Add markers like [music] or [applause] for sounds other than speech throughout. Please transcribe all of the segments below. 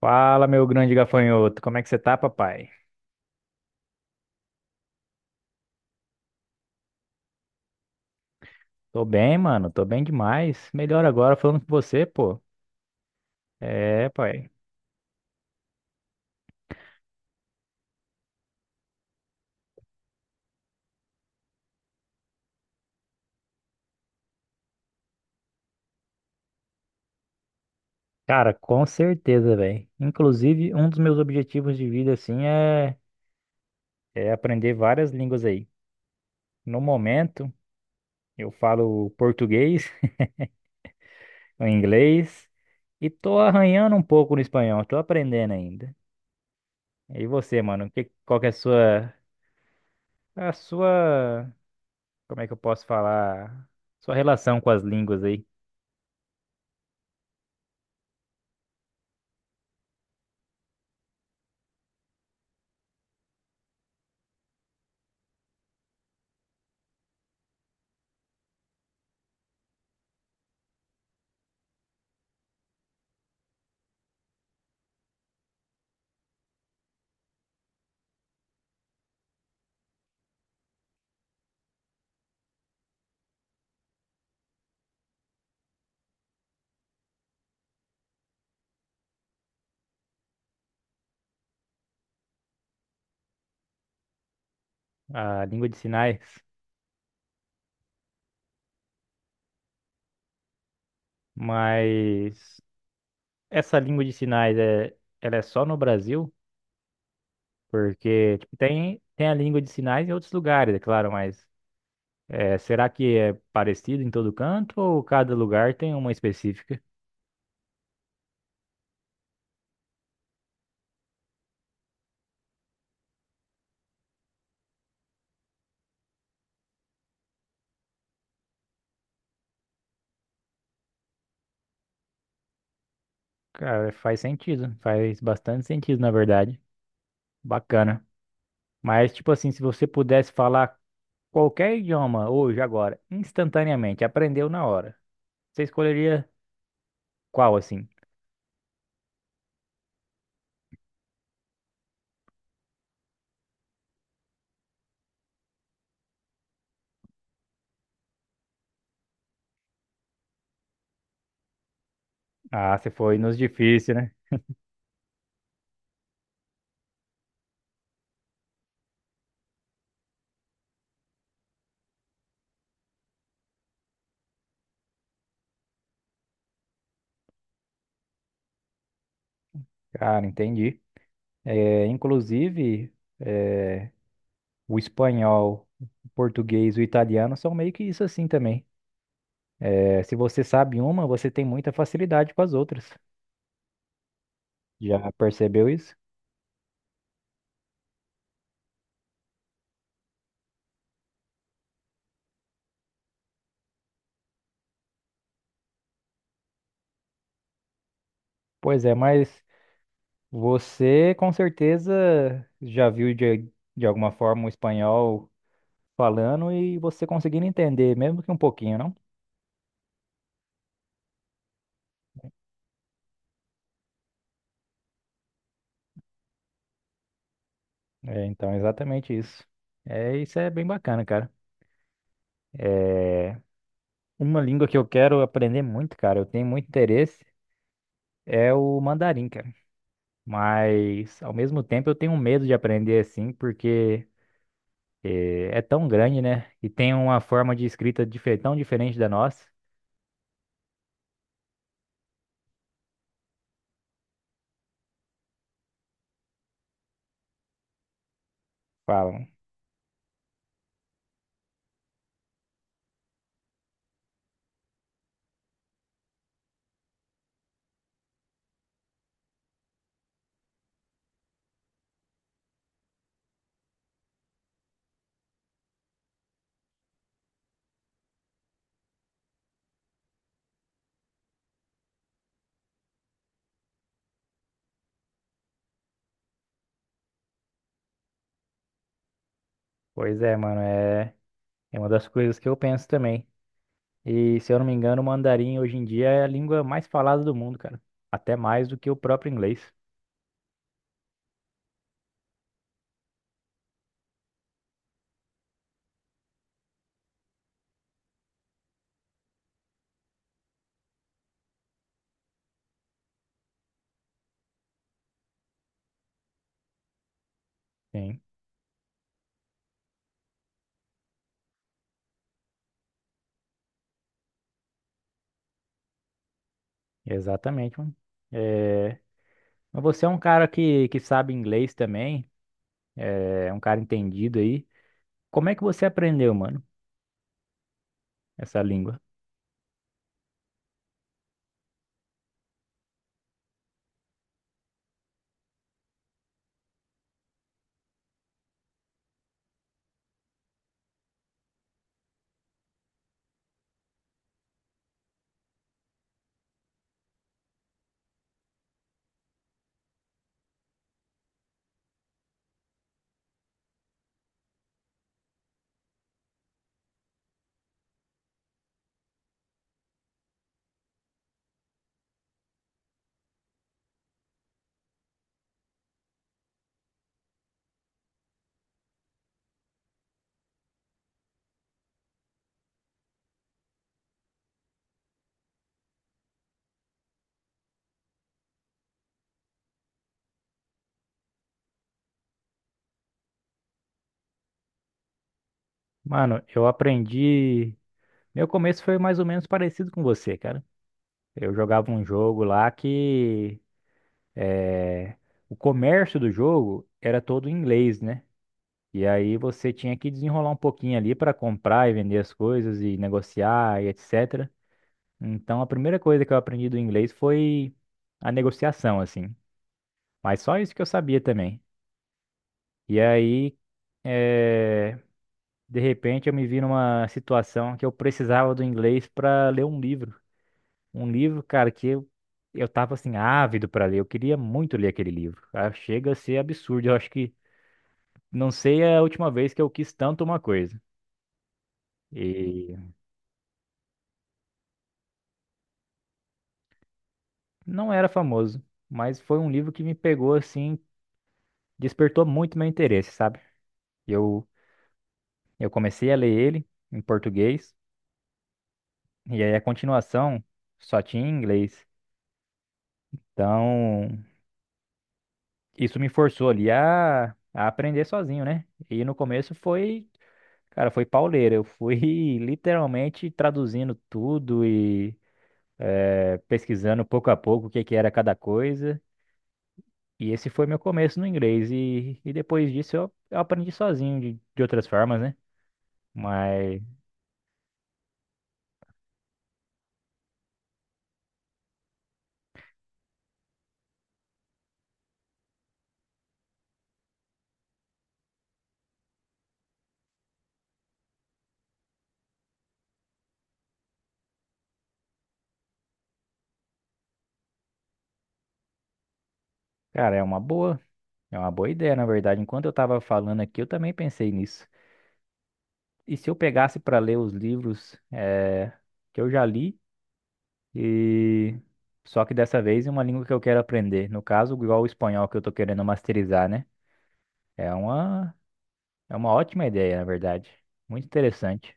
Fala, meu grande gafanhoto, como é que você tá, papai? Tô bem, mano, tô bem demais. Melhor agora falando com você, pô. É, pai. Cara, com certeza, velho. Inclusive, um dos meus objetivos de vida, assim, é aprender várias línguas aí. No momento, eu falo português, [laughs] o inglês e tô arranhando um pouco no espanhol, tô aprendendo ainda. E você, mano, qual que é a sua, como é que eu posso falar? Sua relação com as línguas aí? A língua de sinais, mas essa língua de sinais é, ela é só no Brasil? Porque tipo, tem a língua de sinais em outros lugares, é claro, mas é, será que é parecido em todo canto ou cada lugar tem uma específica? Cara, faz sentido, faz bastante sentido, na verdade. Bacana. Mas, tipo assim, se você pudesse falar qualquer idioma hoje, agora, instantaneamente, aprendeu na hora, você escolheria qual, assim? Ah, você foi nos difíceis, né? Cara, entendi. Inclusive, é, o espanhol, o português, o italiano são meio que isso assim também. É, se você sabe uma, você tem muita facilidade com as outras. Já percebeu isso? Pois é, mas você com certeza já viu de alguma forma o espanhol falando e você conseguindo entender, mesmo que um pouquinho, não? É, então, exatamente isso. É, isso é bem bacana, cara. É uma língua que eu quero aprender muito, cara. Eu tenho muito interesse. É o mandarim, cara. Mas ao mesmo tempo eu tenho medo de aprender assim, porque tão grande, né? E tem uma forma de escrita tão diferente da nossa. Falam. Pois é, mano, é uma das coisas que eu penso também. E se eu não me engano, o mandarim hoje em dia é a língua mais falada do mundo, cara. Até mais do que o próprio inglês. Sim, exatamente, mano. Eh, Mas você é um cara que sabe inglês também, é um cara entendido aí. Como é que você aprendeu, mano, essa língua? Mano, eu aprendi. Meu começo foi mais ou menos parecido com você, cara. Eu jogava um jogo lá que eh, o comércio do jogo era todo em inglês, né? E aí você tinha que desenrolar um pouquinho ali para comprar e vender as coisas e negociar e etc. Então a primeira coisa que eu aprendi do inglês foi a negociação, assim. Mas só isso que eu sabia também. E aí, eh, de repente, eu me vi numa situação que eu precisava do inglês para ler um livro. Um livro, cara, eu tava assim, ávido pra ler. Eu queria muito ler aquele livro. Ah, chega a ser absurdo. Eu acho que não sei é a última vez que eu quis tanto uma coisa. E não era famoso, mas foi um livro que me pegou assim, despertou muito meu interesse, sabe? Eu, eu comecei a ler ele em português, e aí a continuação só tinha em inglês. Então, isso me forçou ali a aprender sozinho, né? E no começo foi. Cara, foi pauleira. Eu fui [laughs] literalmente traduzindo tudo e pesquisando pouco a pouco o que que era cada coisa. E esse foi meu começo no inglês. E depois disso eu aprendi sozinho de outras formas, né? Mas, cara, é uma boa. É uma boa ideia, na verdade. Enquanto eu tava falando aqui, eu também pensei nisso. E se eu pegasse para ler os livros que eu já li, e só que dessa vez em uma língua que eu quero aprender. No caso, igual o espanhol que eu tô querendo masterizar, né? É uma É uma ótima ideia, na verdade. Muito interessante.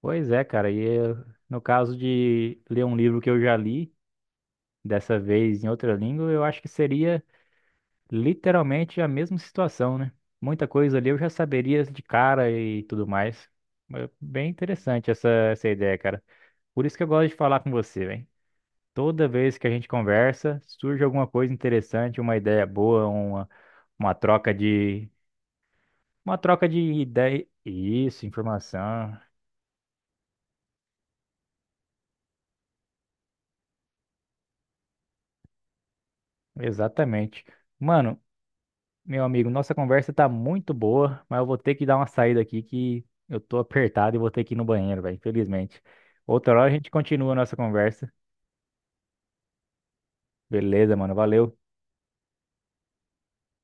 Pois é, cara. E eu- no caso de ler um livro que eu já li, dessa vez em outra língua, eu acho que seria literalmente a mesma situação, né? Muita coisa ali eu já saberia de cara e tudo mais. Mas bem interessante essa ideia, cara. Por isso que eu gosto de falar com você, velho. Toda vez que a gente conversa, surge alguma coisa interessante, uma ideia boa, uma troca de. Uma troca de ideia. Isso, informação. Exatamente. Mano, meu amigo, nossa conversa tá muito boa, mas eu vou ter que dar uma saída aqui que eu tô apertado e vou ter que ir no banheiro, velho, infelizmente. Outra hora a gente continua a nossa conversa. Beleza, mano, valeu.